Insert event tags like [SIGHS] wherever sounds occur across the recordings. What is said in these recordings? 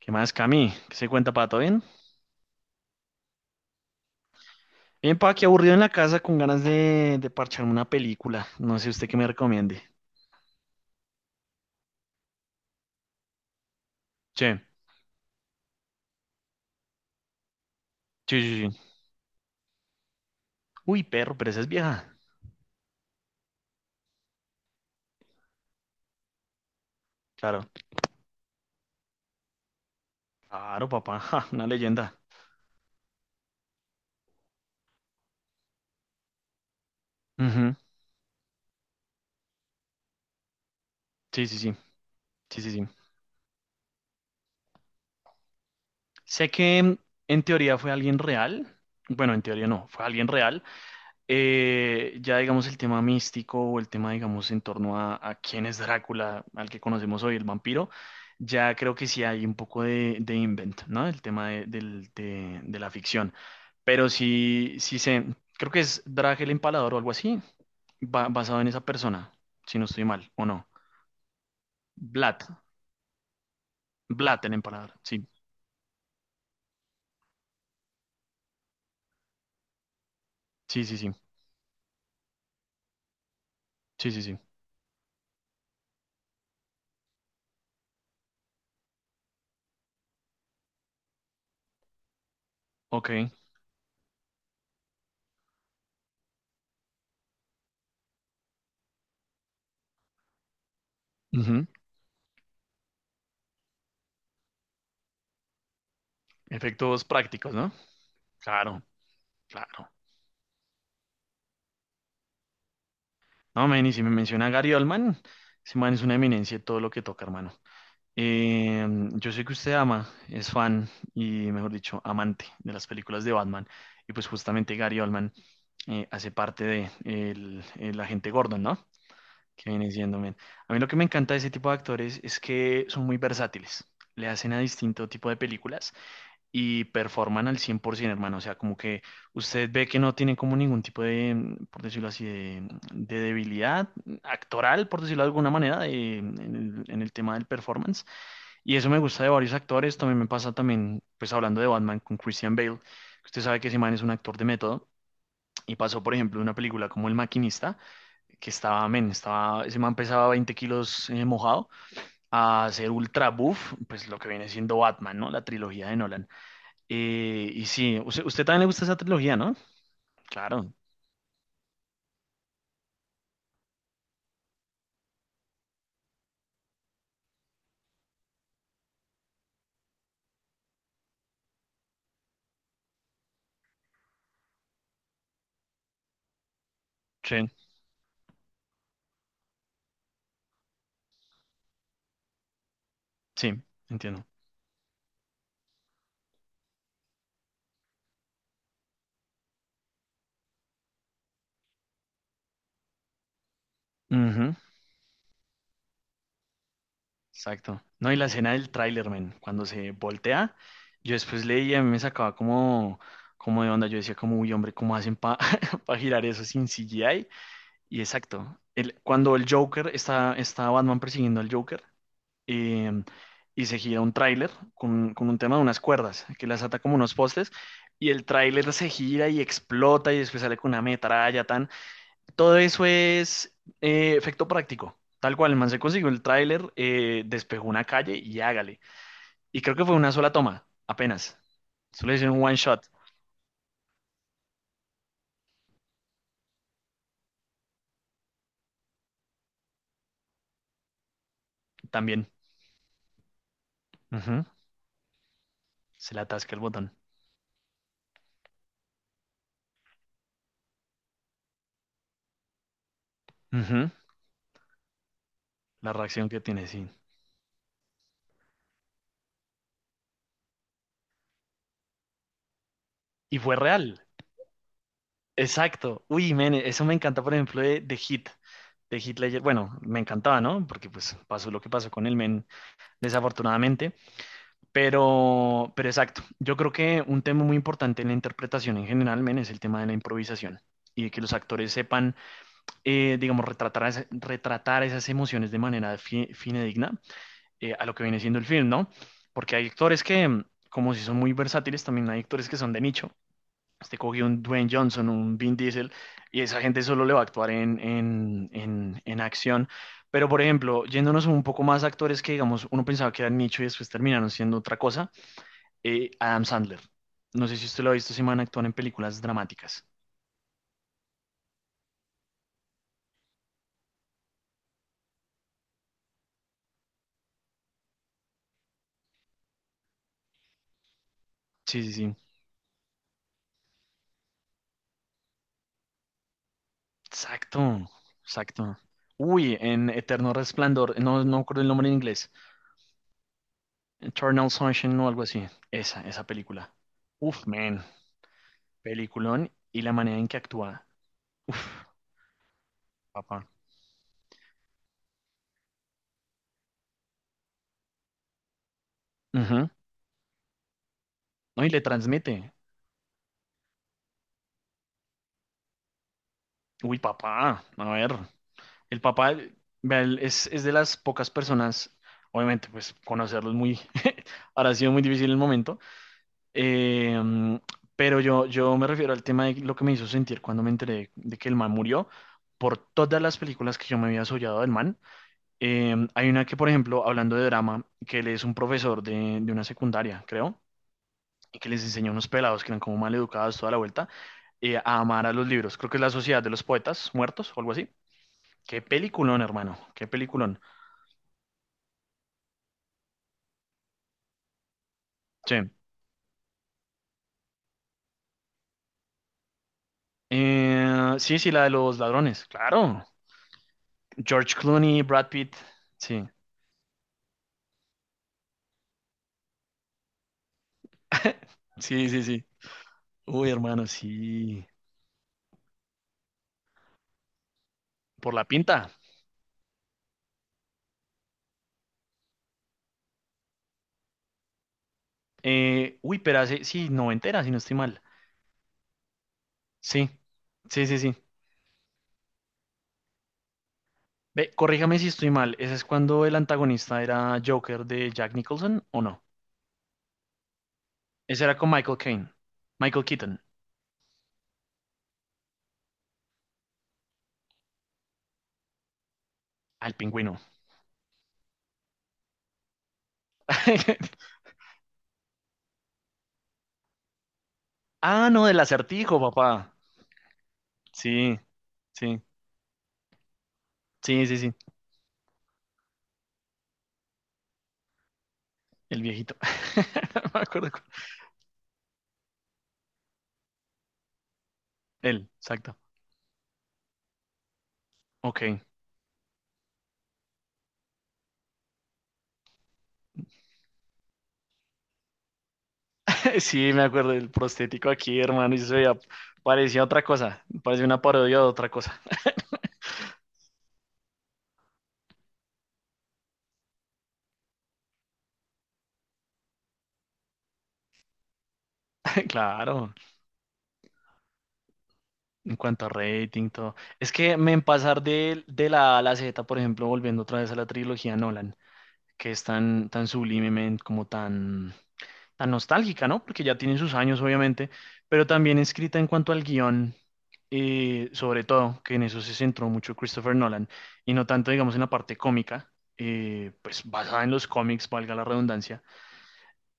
¿Qué más, Cami? ¿Qué se cuenta, Pato? ¿Bien? Bien, pa, aquí aburrido en la casa con ganas de parcharme una película. No sé usted qué me recomiende. Sí, sí, sí, sí. Uy, perro, pero esa es vieja. Claro, claro, papá. [LAUGHS] Ja, una leyenda. Ujú. Sí, sí, sí, sí, sí, sí. Sé que en teoría fue alguien real. Bueno, en teoría no, fue alguien real. Ya digamos el tema místico o el tema digamos en torno a quién es Drácula, al que conocemos hoy, el vampiro, ya creo que sí hay un poco de invent, ¿no? El tema de la ficción. Pero sí, sí sé, creo que es Drag el Empalador o algo así, basado en esa persona, si no estoy mal, ¿o no? Vlad, Vlad el Empalador, sí, sí, sí, sí, sí, sí, sí, ok. Ujú. Efectos prácticos, ¿no? Claro, claro. No, man, y si me menciona a Gary Oldman, ese man es una eminencia de todo lo que toca, hermano. Eh, yo sé que usted ama, es fan y, mejor dicho, amante de las películas de Batman. Y pues justamente Gary Oldman hace parte de el agente Gordon, ¿no? Que viene siendo, man. A mí lo que me encanta de ese tipo de actores es que son muy versátiles. Le hacen a distinto tipo de películas y performan al 100%, hermano. O sea, como que usted ve que no tienen como ningún tipo de, por decirlo así, de, de debilidad actoral, por decirlo de alguna manera, en el tema del performance. Y eso me gusta de varios actores. También me pasa también, pues hablando de Batman con Christian Bale, que usted sabe que ese man es un actor de método. Y pasó, por ejemplo, de una película como El Maquinista, que estaba, men, estaba, ese man pesaba 20 kilos mojado, a ser ultra buff, pues lo que viene siendo Batman, ¿no? La trilogía de Nolan. Y sí, usted también le gusta esa trilogía, ¿no? Claro, sí, sí, entiendo. Ujú, exacto. No, y la escena del tráiler, men, cuando se voltea, yo después leía, a mí me sacaba como, como de onda, yo decía como, uy, hombre, ¿cómo hacen para [LAUGHS] girar eso sin CGI? Y exacto, el, cuando el Joker, está, está Batman persiguiendo al Joker, eh, y se gira un tráiler con un tema de unas cuerdas, que las ata como unos postes, y el tráiler se gira y explota y después sale con una metralla, tan. Todo eso es efecto práctico. Tal cual, el man se consiguió el tráiler, despejó una calle y hágale. Y creo que fue una sola toma, apenas. Solo hicieron un one shot también. Ujú. Se le atasca el botón. Ujú. La reacción que tiene, sí. Y fue real. Exacto. Uy, men, eso me encanta, por ejemplo, de Hit. De Heath Ledger. Bueno, me encantaba, ¿no? Porque pues pasó lo que pasó con el men, desafortunadamente. Pero exacto, yo creo que un tema muy importante en la interpretación en general, men, es el tema de la improvisación y de que los actores sepan, digamos, retratar, retratar esas emociones de manera fidedigna a lo que viene siendo el film, ¿no? Porque hay actores que, como si son muy versátiles, también hay actores que son de nicho. Este cogió un Dwayne Johnson, un Vin Diesel, y esa gente solo le va a actuar en, en acción. Pero, por ejemplo, yéndonos un poco más a actores que, digamos, uno pensaba que eran nicho y después terminaron siendo otra cosa Adam Sandler. No sé si usted lo ha visto, ese man actúa en películas dramáticas. Sí, sí, sí. Exacto, exacto. Uy, en Eterno Resplandor, no, no me acuerdo el nombre en inglés. Eternal Sunshine o algo así. Esa película. Uf, man. Peliculón y la manera en que actúa. Uf, papá. Ujú. No, y le transmite. Uy, papá. A ver. El papá vea, él es de las pocas personas, obviamente, pues conocerlo es muy. [LAUGHS] Ahora ha sido muy difícil el momento. Eh, mm, pero yo me refiero al tema de lo que me hizo sentir cuando me enteré de que el man murió. Por todas las películas que yo me había soñado del man. Hay una que, por ejemplo, hablando de drama, que él es un profesor de una secundaria, creo, y que les enseña a unos pelados que eran como mal educados toda la vuelta a amar a los libros. Creo que es la Sociedad de los Poetas Muertos o algo así. Qué peliculón, hermano, qué peliculón. Sí. Sí, sí, la de los ladrones, claro. George Clooney, Brad Pitt, sí. [LAUGHS] Sí, sí, sí. Uy, hermano, sí. Por la pinta. Uy, pero hace, sí, noventera, si no estoy mal. Sí, sí, sí, sí. Ve, corríjame si estoy mal. ¿Ese es cuando el antagonista era Joker de Jack Nicholson o no? Ese era con Michael Caine. Michael Keaton. Ah, el pingüino. [LAUGHS] Ah, no, del acertijo, papá. Sí, sí, sí, sí, sí. El viejito. [LAUGHS] No me acuerdo. Él, exacto. Ok. [LAUGHS] Sí, me acuerdo del prostético aquí, hermano, y eso se veía parecía otra cosa, parecía una parodia de otra cosa. [LAUGHS] Claro, en cuanto a rating, todo. Es que me en pasar de la A a la Z, por ejemplo, volviendo otra vez a la trilogía Nolan, que es tan, tan sublimemente, como tan, tan nostálgica, ¿no? Porque ya tiene sus años, obviamente, pero también escrita en cuanto al guión, sobre todo, que en eso se centró mucho Christopher Nolan, y no tanto, digamos, en la parte cómica, pues basada en los cómics, valga la redundancia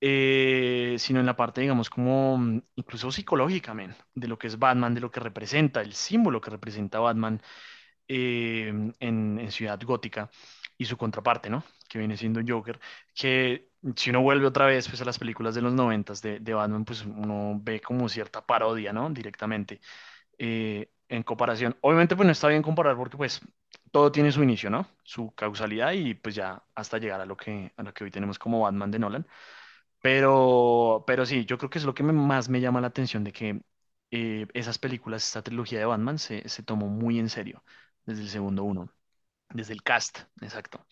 sino en la parte, digamos, como incluso psicológica, men, de lo que es Batman, de lo que representa, el símbolo que representa Batman eh, en Ciudad Gótica y su contraparte, ¿no? Que viene siendo Joker, que si uno vuelve otra vez pues, a las películas de los noventas de Batman, pues uno ve como cierta parodia, ¿no? Directamente en comparación. Obviamente, pues no está bien comparar porque pues todo tiene su inicio, ¿no? Su causalidad y pues ya hasta llegar a lo que hoy tenemos como Batman de Nolan. Pero sí, yo creo que es lo que más me llama la atención de que esas películas, esta trilogía de Batman se tomó muy en serio desde el segundo uno, desde el cast, exacto.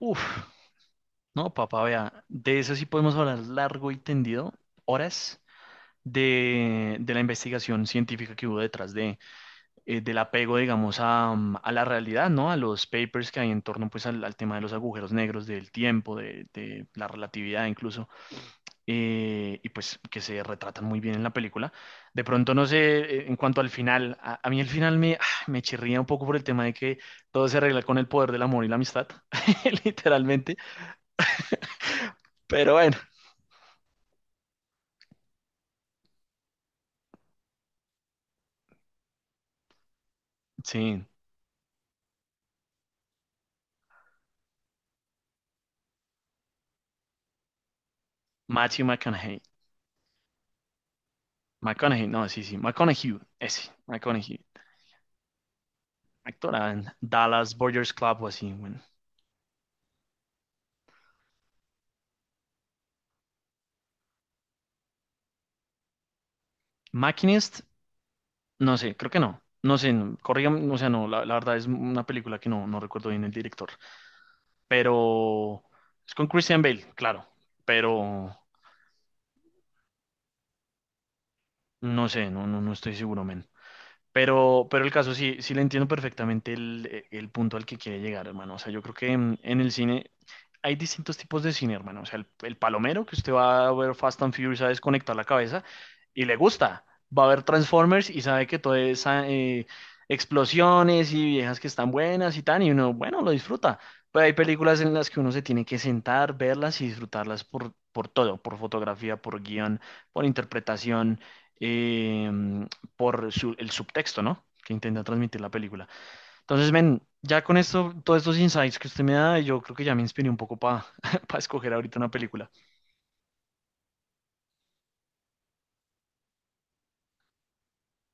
Uf, no, papá, vea, de eso sí podemos hablar largo y tendido, horas de la investigación científica que hubo detrás de del apego, digamos, a, a la realidad, ¿no? A los papers que hay en torno, pues, al, al tema de los agujeros negros, del tiempo, de la relatividad incluso, y pues que se retratan muy bien en la película. De pronto, no sé, en cuanto al final, a mí el final me, [SIGHS] ah, me chirría un poco por el tema de que todo se arregla con el poder del amor y la amistad, [LAUGHS] literalmente, pero bueno, sí, Matthew McConaughey. McConaughey, no, sí, sí, McConaughey, ese, McConaughey, actor en Dallas Buyers Club o así, bueno. Machinist. No sé, creo que no. No sé, no, corrígame, o sea, no, la verdad es una película que no, no recuerdo bien el director. Pero es con Christian Bale, claro. Pero no sé, no, no, no estoy seguro, men. Pero el caso sí, sí le entiendo perfectamente el punto al que quiere llegar, hermano. O sea, yo creo que en el cine hay distintos tipos de cine, hermano. O sea, el palomero, que usted va a ver Fast and Furious a desconectar la cabeza y le gusta. Va a ver Transformers y sabe que todo es explosiones y viejas que están buenas y tan, y uno, bueno, lo disfruta. Pero hay películas en las que uno se tiene que sentar, verlas y disfrutarlas por todo, por fotografía, por guión, por interpretación. Eh, por el subtexto, ¿no? Que intenta transmitir la película. Entonces, ven, ya con esto, todos estos insights que usted me da, yo creo que ya me inspiré un poco para [LAUGHS] escoger ahorita una película.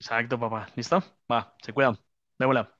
Exacto, papá. ¿Listo? Va, se cuidan. De bola.